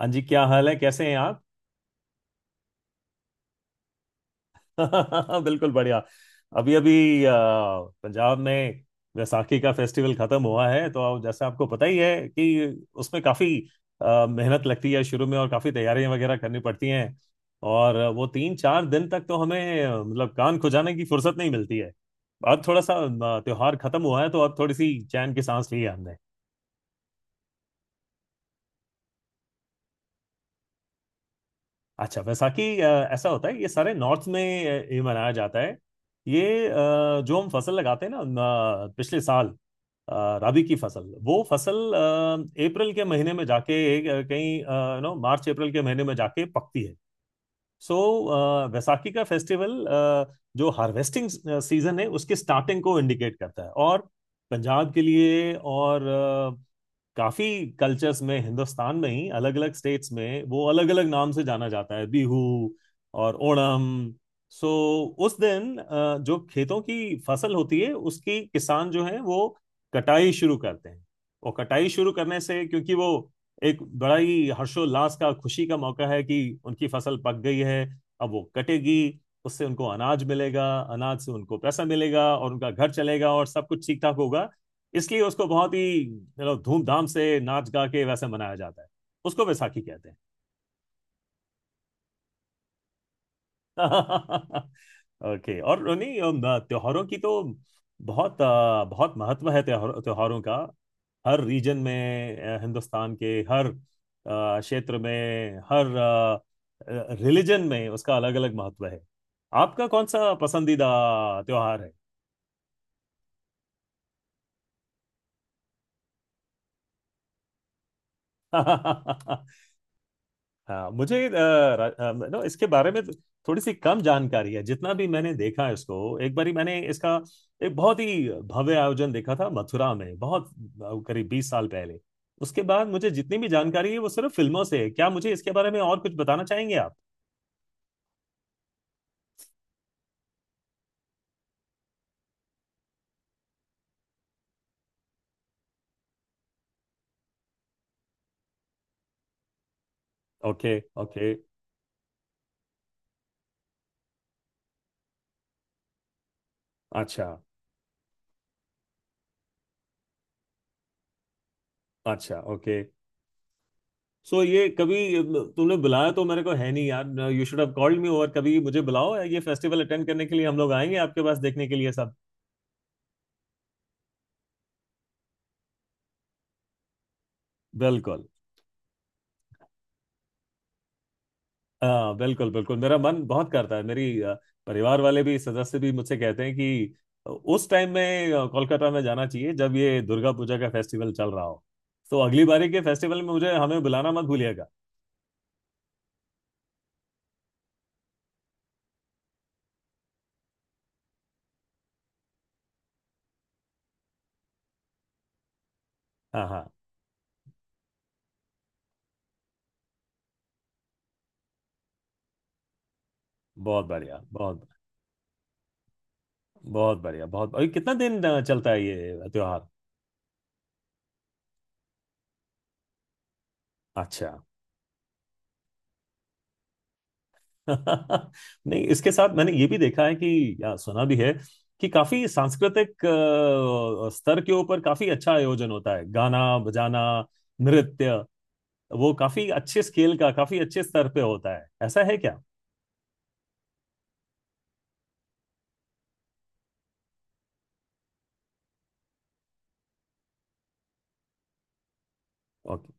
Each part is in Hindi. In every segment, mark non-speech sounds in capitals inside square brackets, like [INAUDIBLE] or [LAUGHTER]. हाँ जी, क्या हाल है? कैसे हैं आप? [LAUGHS] बिल्कुल बढ़िया। अभी अभी पंजाब में वैसाखी का फेस्टिवल खत्म हुआ है, तो आप जैसे आपको पता ही है कि उसमें काफी मेहनत लगती है शुरू में, और काफी तैयारियां वगैरह करनी पड़ती हैं। और वो 3 4 दिन तक तो हमें मतलब कान खुजाने की फुर्सत नहीं मिलती है। अब थोड़ा सा त्योहार खत्म हुआ है, तो अब थोड़ी सी चैन की सांस ली है। अच्छा, वैसाखी ऐसा होता है, ये सारे नॉर्थ में ये मनाया जाता है। ये जो हम फसल लगाते हैं ना न, पिछले साल अ, राबी की फसल, वो फसल अप्रैल के महीने में जाके, अ, कहीं नो मार्च अप्रैल के महीने में जाके पकती है। वैसाखी का फेस्टिवल जो हार्वेस्टिंग सीजन है उसके स्टार्टिंग को इंडिकेट करता है, और पंजाब के लिए, और काफी कल्चर्स में, हिंदुस्तान में ही अलग अलग स्टेट्स में वो अलग अलग नाम से जाना जाता है, बिहू और ओणम। सो उस दिन जो खेतों की फसल होती है उसकी किसान जो है वो कटाई शुरू करते हैं। और कटाई शुरू करने से, क्योंकि वो एक बड़ा ही हर्षोल्लास का, खुशी का मौका है कि उनकी फसल पक गई है, अब वो कटेगी, उससे उनको अनाज मिलेगा, अनाज से उनको पैसा मिलेगा और उनका घर चलेगा और सब कुछ ठीक ठाक होगा। इसलिए उसको बहुत ही धूमधाम से नाच गा के वैसे मनाया जाता है। उसको वैसाखी कहते हैं। [LAUGHS] ओके। और नहीं, त्योहारों की तो बहुत बहुत महत्व है, त्योहार त्योहारों का। हर रीजन में, हिंदुस्तान के हर क्षेत्र में, हर रिलीजन में उसका अलग अलग महत्व है। आपका कौन सा पसंदीदा त्योहार है? [LAUGHS] हाँ, मुझे नो इसके बारे में थोड़ी सी कम जानकारी है। जितना भी मैंने देखा है, इसको एक बारी मैंने इसका एक बहुत ही भव्य आयोजन देखा था मथुरा में, बहुत करीब 20 साल पहले। उसके बाद मुझे जितनी भी जानकारी है वो सिर्फ फिल्मों से है। क्या मुझे इसके बारे में और कुछ बताना चाहेंगे आप? Okay okay. अच्छा अच्छा। ओके। सो ये कभी तुमने बुलाया तो मेरे को है नहीं, यार। You should have called me. और कभी मुझे बुलाओ, ये फेस्टिवल अटेंड करने के लिए हम लोग आएंगे आपके पास देखने के लिए सब। बिल्कुल। हाँ बिल्कुल बिल्कुल, मेरा मन बहुत करता है। मेरी परिवार वाले भी, सदस्य भी मुझसे कहते हैं कि उस टाइम में कोलकाता में जाना चाहिए, जब ये दुर्गा पूजा का फेस्टिवल चल रहा हो। तो अगली बारी के फेस्टिवल में मुझे हमें बुलाना मत भूलिएगा। हाँ हाँ। बहुत बढ़िया, बहुत बहुत बढ़िया, बहुत। अरे, कितना दिन चलता है ये त्योहार? अच्छा। [LAUGHS] नहीं, इसके साथ मैंने ये भी देखा है, कि या सुना भी है, कि काफी सांस्कृतिक स्तर के ऊपर काफी अच्छा आयोजन होता है, गाना बजाना, नृत्य, वो काफी अच्छे स्केल का, काफी अच्छे स्तर पे होता है। ऐसा है क्या? ओके।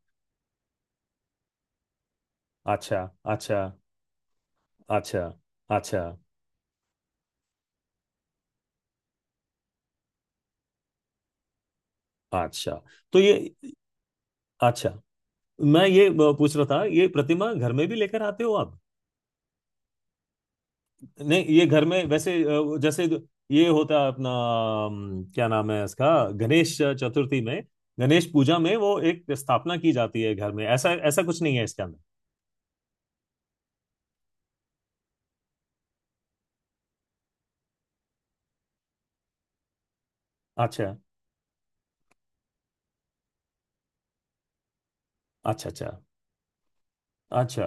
अच्छा अच्छा, अच्छा अच्छा अच्छा। तो ये, अच्छा, मैं ये पूछ रहा था, ये प्रतिमा घर में भी लेकर आते हो आप? नहीं, ये घर में वैसे जैसे, ये होता है अपना, क्या नाम है इसका, गणेश चतुर्थी में, गणेश पूजा में, वो एक स्थापना की जाती है घर में, ऐसा ऐसा कुछ नहीं है इसके अंदर। अच्छा अच्छा अच्छा अच्छा।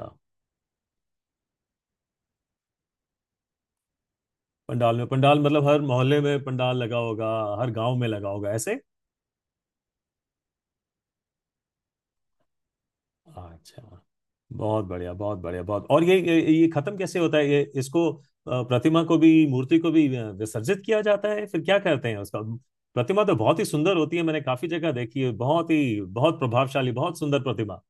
पंडाल में? पंडाल मतलब हर मोहल्ले में पंडाल लगा होगा, हर गांव में लगा होगा ऐसे? अच्छा, बहुत बढ़िया, बहुत बढ़िया, बहुत। और ये खत्म कैसे होता है? ये इसको प्रतिमा को भी, मूर्ति को भी विसर्जित किया जाता है, फिर क्या करते हैं उसका? प्रतिमा तो बहुत ही सुंदर होती है, मैंने काफी जगह देखी है, बहुत ही, बहुत प्रभावशाली, बहुत सुंदर प्रतिमा।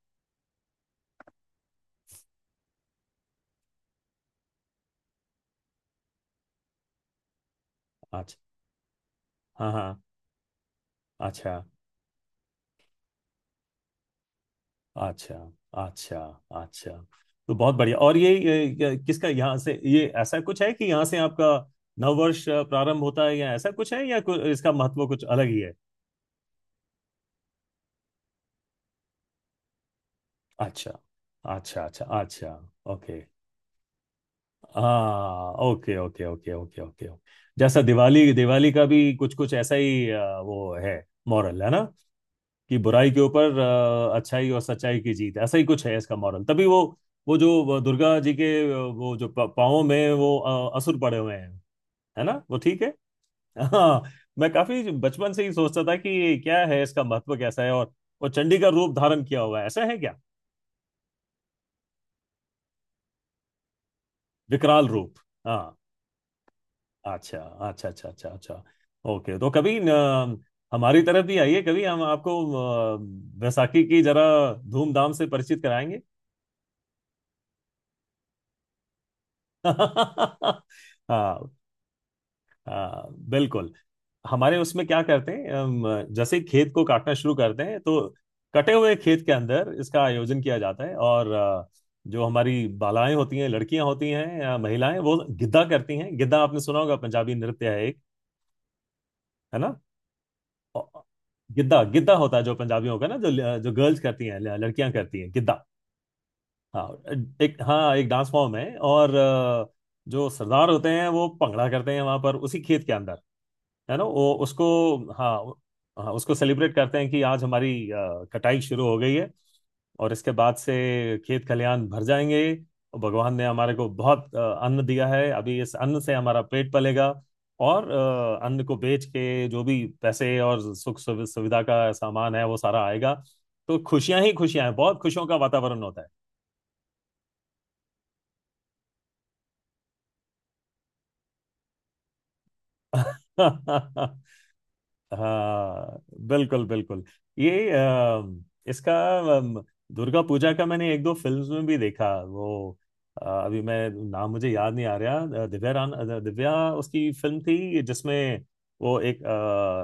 अच्छा। हाँ हाँ। अच्छा अच्छा अच्छा अच्छा। तो बहुत बढ़िया। और ये किसका, यहाँ से, ये ऐसा कुछ है कि यहाँ से आपका नववर्ष प्रारंभ होता है, या ऐसा कुछ है, या कुछ, इसका महत्व कुछ अलग ही है? अच्छा अच्छा अच्छा अच्छा। ओके। हाँ okay okay okay okay okay okay. जैसा दिवाली, दिवाली का भी कुछ कुछ ऐसा ही वो है मॉरल, है ना, कि बुराई के ऊपर अच्छाई और सच्चाई की जीत, ऐसा ही कुछ है इसका मॉरल, तभी वो जो दुर्गा जी के वो जो पाँवों में वो असुर पड़े हुए हैं, है ना, वो ठीक है। [LAUGHS] हाँ, मैं काफी बचपन से ही सोचता था कि क्या है इसका महत्व, कैसा है। और वो चंडी का रूप धारण किया हुआ है, ऐसा है क्या? विकराल रूप? हाँ। अच्छा, अच्छा अच्छा अच्छा अच्छा। ओके। तो कभी हमारी तरफ भी आइए, कभी हम आपको अ, बैसाखी की जरा धूमधाम से परिचित कराएंगे। [LAUGHS] हाँ हाँ, बिल्कुल। हमारे उसमें क्या करते हैं हम? जैसे ही खेत को काटना शुरू करते हैं, तो कटे हुए खेत के अंदर इसका आयोजन किया जाता है, और जो हमारी बालाएं होती हैं, लड़कियां होती हैं या महिलाएं, वो गिद्दा करती हैं। गिद्दा आपने सुना होगा, पंजाबी नृत्य है एक, है ना? औ- गिद्दा, गिद्दा होता है जो पंजाबियों का, ना, जो जो गर्ल्स करती हैं, लड़कियां करती हैं, गिद्दा। हाँ, एक, हाँ, एक डांस फॉर्म है। और जो सरदार होते हैं वो भंगड़ा करते हैं वहां पर उसी खेत के अंदर, है ना, वो उसको, हाँ हाँ, उसको सेलिब्रेट करते हैं कि आज हमारी कटाई शुरू हो गई है, और इसके बाद से खेत खलियान भर जाएंगे, और भगवान ने हमारे को बहुत अन्न दिया है, अभी इस अन्न से हमारा पेट पलेगा। और अन्न को बेच के जो भी पैसे और सुख सुविधा का सामान है, वो सारा आएगा, तो खुशियां ही खुशियां हैं, बहुत खुशियों का वातावरण होता है। [LAUGHS] हाँ बिल्कुल बिल्कुल। ये इसका, अम, दुर्गा पूजा का, मैंने एक दो फिल्म्स में भी देखा वो, अभी मैं नाम, मुझे याद नहीं आ रहा, दिव्या रान, दिव्या, उसकी फिल्म थी जिसमें वो एक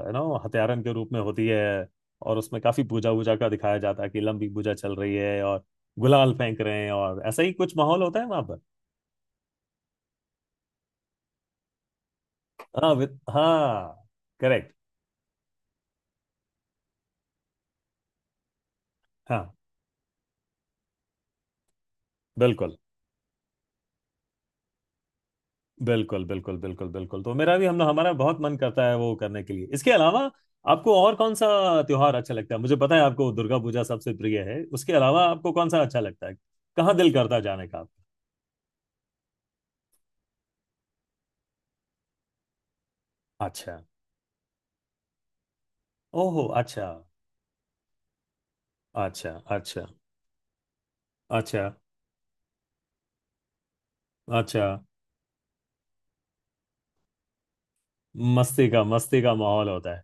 हत्यारन के रूप में होती है, और उसमें काफी पूजा वूजा का दिखाया जाता है कि लंबी पूजा चल रही है और गुलाल फेंक रहे हैं, और ऐसा ही कुछ माहौल होता है वहां पर। हाँ, हाँ, करेक्ट। हाँ बिल्कुल बिल्कुल बिल्कुल बिल्कुल बिल्कुल। तो मेरा भी, हम हमारा बहुत मन करता है वो करने के लिए। इसके अलावा आपको और कौन सा त्योहार अच्छा लगता है? मुझे पता है आपको दुर्गा पूजा सबसे प्रिय है, उसके अलावा आपको कौन सा अच्छा लगता है? कहाँ दिल करता है जाने का आपका? अच्छा। ओहो, अच्छा अच्छा अच्छा अच्छा अच्छा। मस्ती का, मस्ती का माहौल होता है।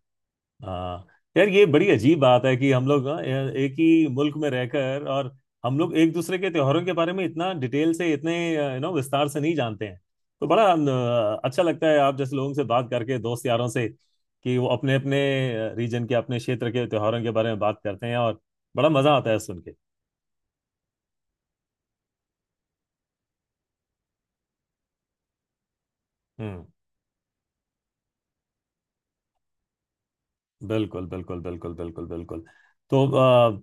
हाँ। यार, ये बड़ी अजीब बात है कि हम लोग, हाँ, यार, एक ही मुल्क में रहकर, और हम लोग एक दूसरे के त्योहारों के बारे में इतना डिटेल से, इतने विस्तार से नहीं जानते हैं। तो बड़ा अच्छा लगता है आप जैसे लोगों से बात करके, दोस्त यारों से, कि वो अपने अपने रीजन के, अपने क्षेत्र के त्योहारों के बारे में बात करते हैं, और बड़ा मजा आता है सुन के। हम्म। बिल्कुल बिल्कुल बिल्कुल बिल्कुल बिल्कुल। तो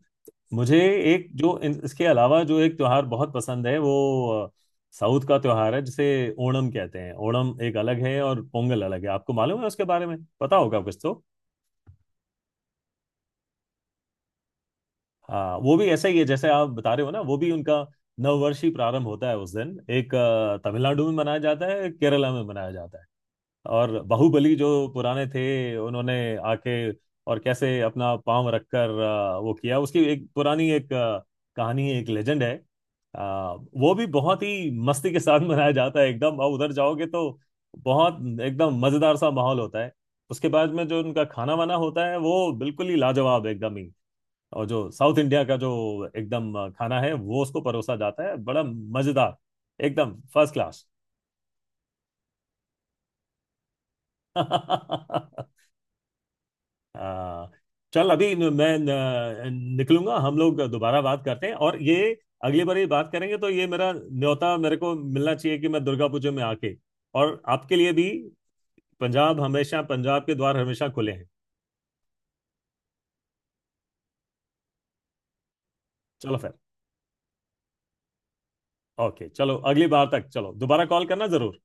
मुझे एक जो, इसके अलावा जो एक त्योहार बहुत पसंद है, वो अ, साउथ का त्योहार है जिसे ओणम कहते हैं। ओणम एक अलग है और पोंगल अलग है। आपको मालूम है, उसके बारे में पता होगा कुछ तो? हाँ, वो भी ऐसा ही है जैसे आप बता रहे हो, ना, वो भी उनका नववर्षीय प्रारंभ होता है उस दिन। एक तमिलनाडु में मनाया जाता है, एक केरला में मनाया जाता है। और बाहुबली जो पुराने थे, उन्होंने आके और कैसे अपना पांव रखकर वो किया, उसकी एक पुरानी एक कहानी है, एक लेजेंड है। अ, वो भी बहुत ही मस्ती के साथ मनाया जाता है एकदम, और उधर जाओगे तो बहुत एकदम मजेदार सा माहौल होता है। उसके बाद में जो उनका खाना वाना होता है वो बिल्कुल ही लाजवाब एकदम ही। और जो साउथ इंडिया का जो एकदम खाना है, वो उसको परोसा जाता है, बड़ा मजेदार, एकदम फर्स्ट क्लास। [LAUGHS] हाँ, चल अभी मैं निकलूंगा, हम लोग दोबारा बात करते हैं। और ये अगली बार ये बात करेंगे तो ये मेरा न्योता मेरे को मिलना चाहिए कि मैं दुर्गा पूजा में आके, और आपके लिए भी पंजाब, हमेशा पंजाब के द्वार हमेशा खुले हैं। चलो फिर। ओके, चलो अगली बार तक, चलो दोबारा कॉल करना जरूर।